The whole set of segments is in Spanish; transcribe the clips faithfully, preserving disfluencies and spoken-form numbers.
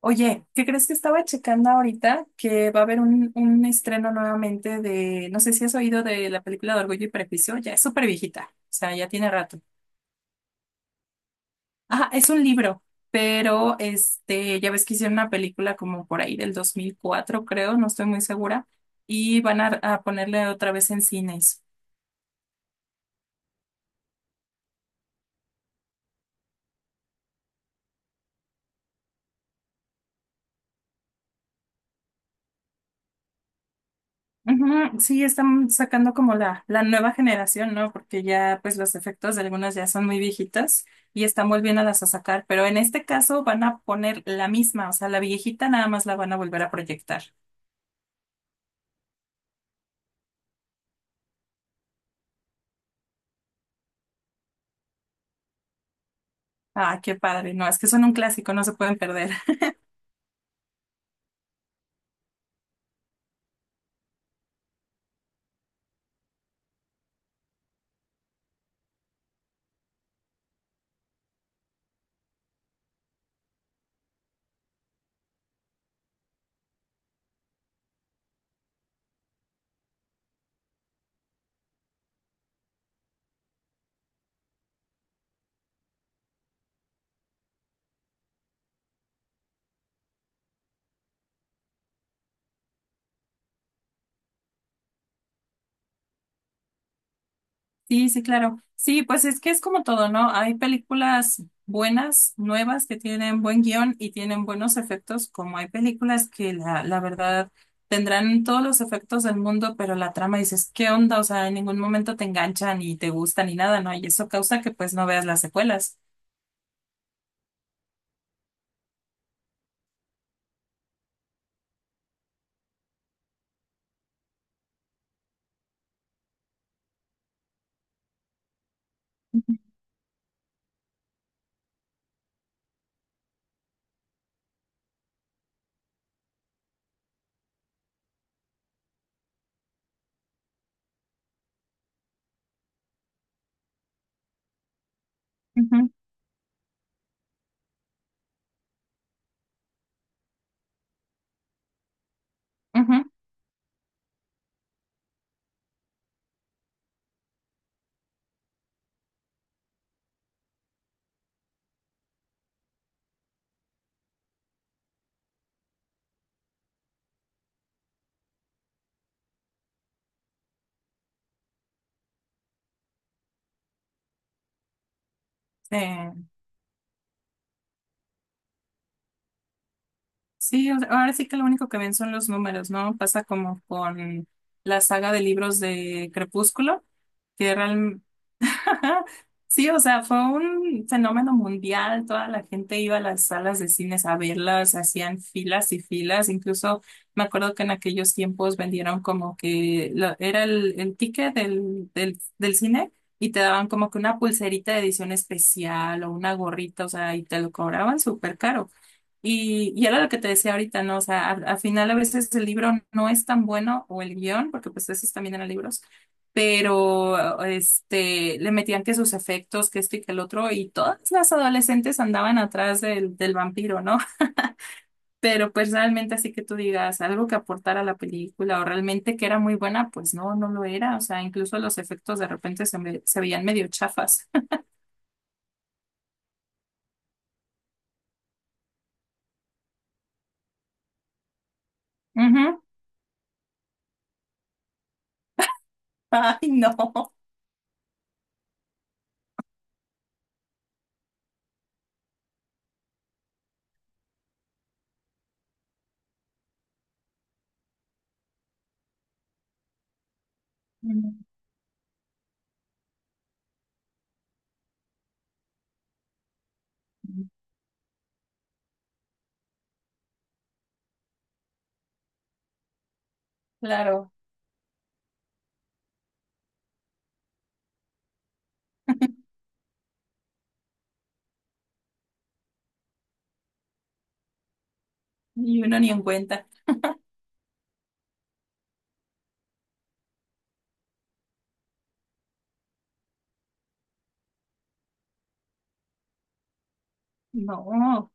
Oye, ¿qué crees que estaba checando ahorita? Que va a haber un, un estreno nuevamente de, no sé si has oído de la película de Orgullo y Prejuicio, ya es súper viejita, o sea, ya tiene rato. Ajá, es un libro, pero este, ya ves que hicieron una película como por ahí del dos mil cuatro, creo, no estoy muy segura, y van a, a ponerle otra vez en cines. Ujú, sí, están sacando como la, la nueva generación, ¿no? Porque ya pues los efectos de algunas ya son muy viejitas y están volviéndolas a sacar, pero en este caso van a poner la misma, o sea, la viejita nada más la van a volver a proyectar. Ah, qué padre, no, es que son un clásico, no se pueden perder. Sí, sí, claro. Sí, pues es que es como todo, ¿no? Hay películas buenas, nuevas, que tienen buen guión y tienen buenos efectos, como hay películas que la, la verdad tendrán todos los efectos del mundo, pero la trama dices, ¿qué onda? O sea, en ningún momento te enganchan ni te gusta ni nada, ¿no? Y eso causa que pues no veas las secuelas. Ujú, ujú. Eh, sí, o- ahora sí que lo único que ven son los números, ¿no? Pasa como con la saga de libros de Crepúsculo que real- Sí, o sea, fue un fenómeno mundial. Toda la gente iba a las salas de cines a verlas, hacían filas y filas. Incluso me acuerdo que en aquellos tiempos vendieron como que lo- era el, el ticket del, del, del cine y te daban como que una pulserita de edición especial o una gorrita, o sea, y te lo cobraban súper caro. Y, y era lo que te decía ahorita, ¿no? O sea, al, al final a veces el libro no es tan bueno o el guión, porque pues esos también eran libros, pero este, le metían que sus efectos, que esto y que el otro, y todas las adolescentes andaban atrás del, del vampiro, ¿no? Pero pues realmente así que tú digas algo que aportara a la película o realmente que era muy buena, pues no, no lo era. O sea, incluso los efectos de repente se, me- se veían medio chafas. Ujú. Ay, no. Mm, claro. Y uno ni en cuenta. No,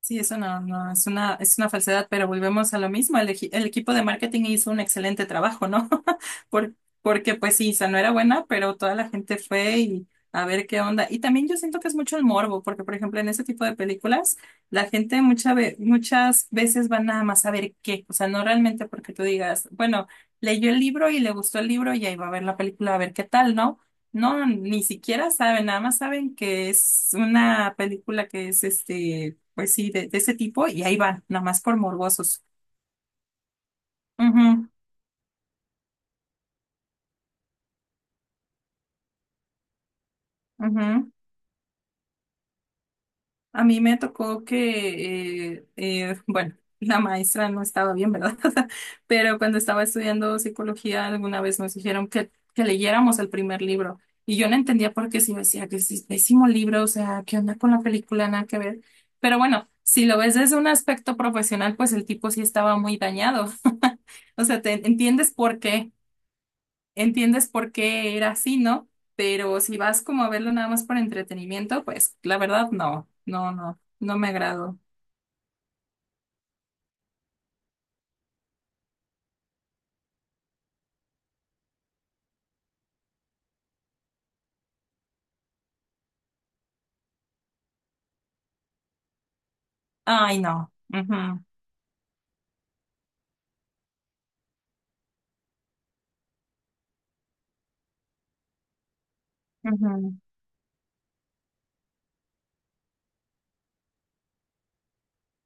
sí, eso no, no, es una, es una falsedad, pero volvemos a lo mismo. El, eji- el equipo de marketing hizo un excelente trabajo, ¿no? Por- Porque pues sí, esa no era buena, pero toda la gente fue y a ver qué onda. Y también yo siento que es mucho el morbo, porque por ejemplo en ese tipo de películas, la gente mucha ve- muchas veces va nada más a ver qué, o sea, no realmente porque tú digas, bueno, leyó el libro y le gustó el libro y ahí va a ver la película a ver qué tal, ¿no? No, ni siquiera saben, nada más saben que es una película que es este pues sí, de, de ese tipo, y ahí van, nomás por morbosos. Ujú, ujú. A mí me tocó que, eh, eh, bueno, la maestra no estaba bien, ¿verdad? Pero cuando estaba estudiando psicología, alguna vez nos dijeron que, que leyéramos el primer libro, y yo no entendía por qué, si me decía que es pésimo libro, o sea, ¿qué onda con la película? Nada que ver. Pero bueno, si lo ves desde un aspecto profesional, pues el tipo sí estaba muy dañado. O sea, te entiendes por qué. Entiendes por qué era así, ¿no? Pero si vas como a verlo nada más por entretenimiento, pues la verdad no, no, no, no me agradó. Ay, no. Ujú, ujú,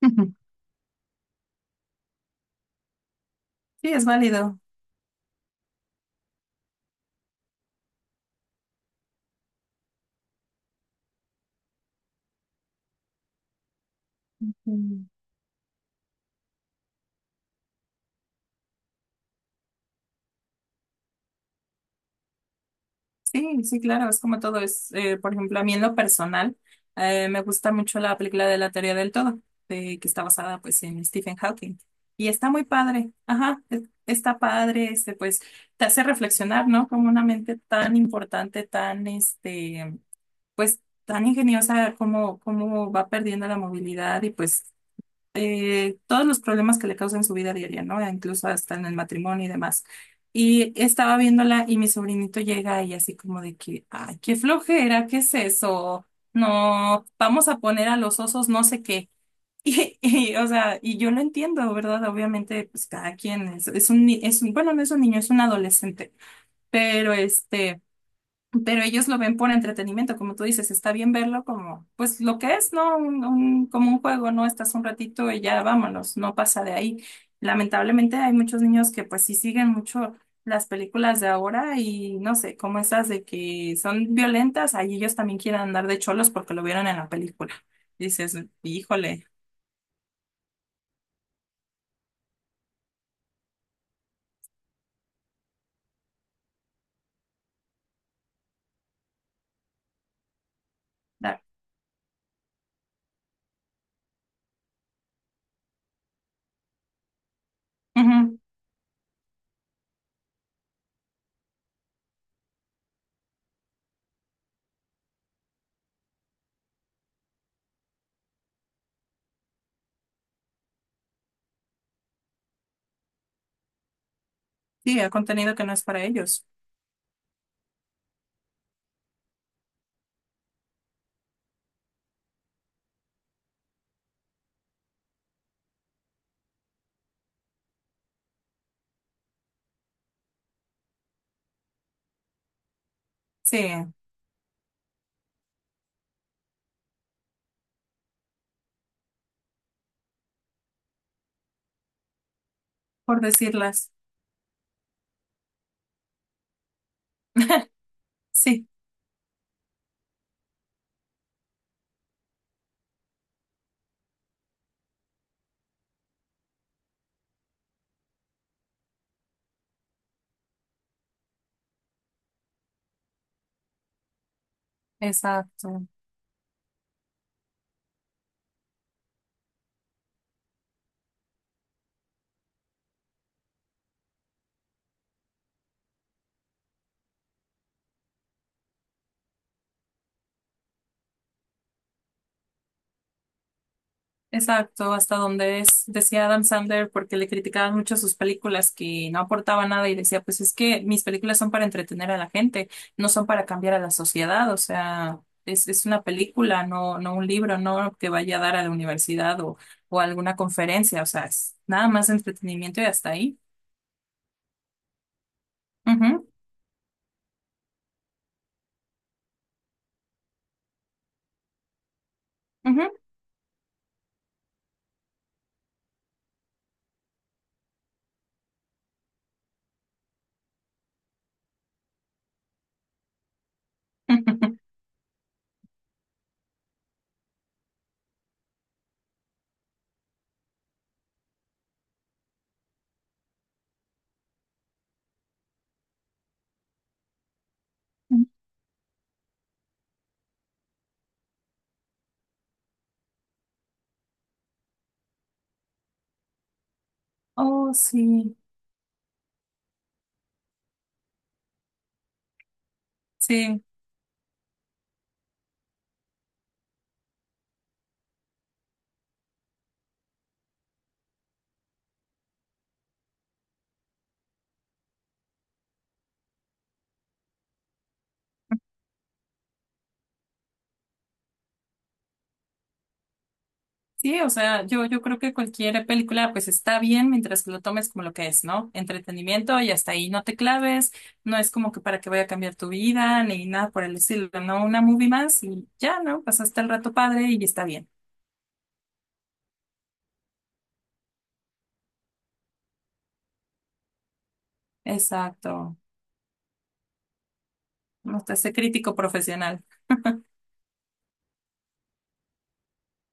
ujú. Sí, es válido. Ujú. Sí, sí, claro, es como todo es, eh, por ejemplo, a mí en lo personal, eh, me gusta mucho la película de La Teoría del Todo, de- que está basada pues en Stephen Hawking. Y está muy padre, ajá, es- está padre, este, pues te hace reflexionar, ¿no? Como una mente tan importante, tan, este, pues tan ingeniosa como, como va perdiendo la movilidad y pues eh, todos los problemas que le causan su vida diaria, ¿no? Incluso hasta en el matrimonio y demás. Y estaba viéndola y mi sobrinito llega y así como de que, ay, qué flojera, ¿qué es eso? No, vamos a poner a los osos no sé qué. Y, y, o sea, y yo lo entiendo, ¿verdad? Obviamente, pues cada quien es, es un, ni- es un, bueno, no es un niño, es un adolescente, pero este pero ellos lo ven por entretenimiento, como tú dices, está bien verlo como, pues lo que es, ¿no? Un, un- como un juego, ¿no? Estás un ratito y ya vámonos, no pasa de ahí. Lamentablemente hay muchos niños que pues sí siguen mucho las películas de ahora y no sé, como esas de que son violentas, ahí ellos también quieren andar de cholos porque lo vieron en la película. Dices, híjole, da. Ujú. Sí, el contenido que no es para ellos. Sí, por decirlas. Sí, exacto. Exacto, hasta donde es, decía Adam Sandler, porque le criticaban mucho sus películas que no aportaban nada y decía, pues es que mis películas son para entretener a la gente, no son para cambiar a la sociedad, o sea, es, es una película, no, no un libro, no que vaya a dar a la universidad o, o a alguna conferencia, o sea, es nada más entretenimiento y hasta ahí. Ujú, ujú. Oh, sí, sí. Sí, o sea, yo, yo creo que cualquier película pues está bien mientras que lo tomes como lo que es, ¿no? Entretenimiento y hasta ahí no te claves, no es como que para que vaya a cambiar tu vida ni nada por el estilo, ¿no? Una movie más y ya, ¿no? Pasaste el rato padre y está bien. Exacto. No te hace crítico profesional.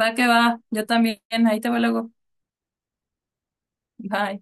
Va que va, yo también, ahí te veo luego. Bye.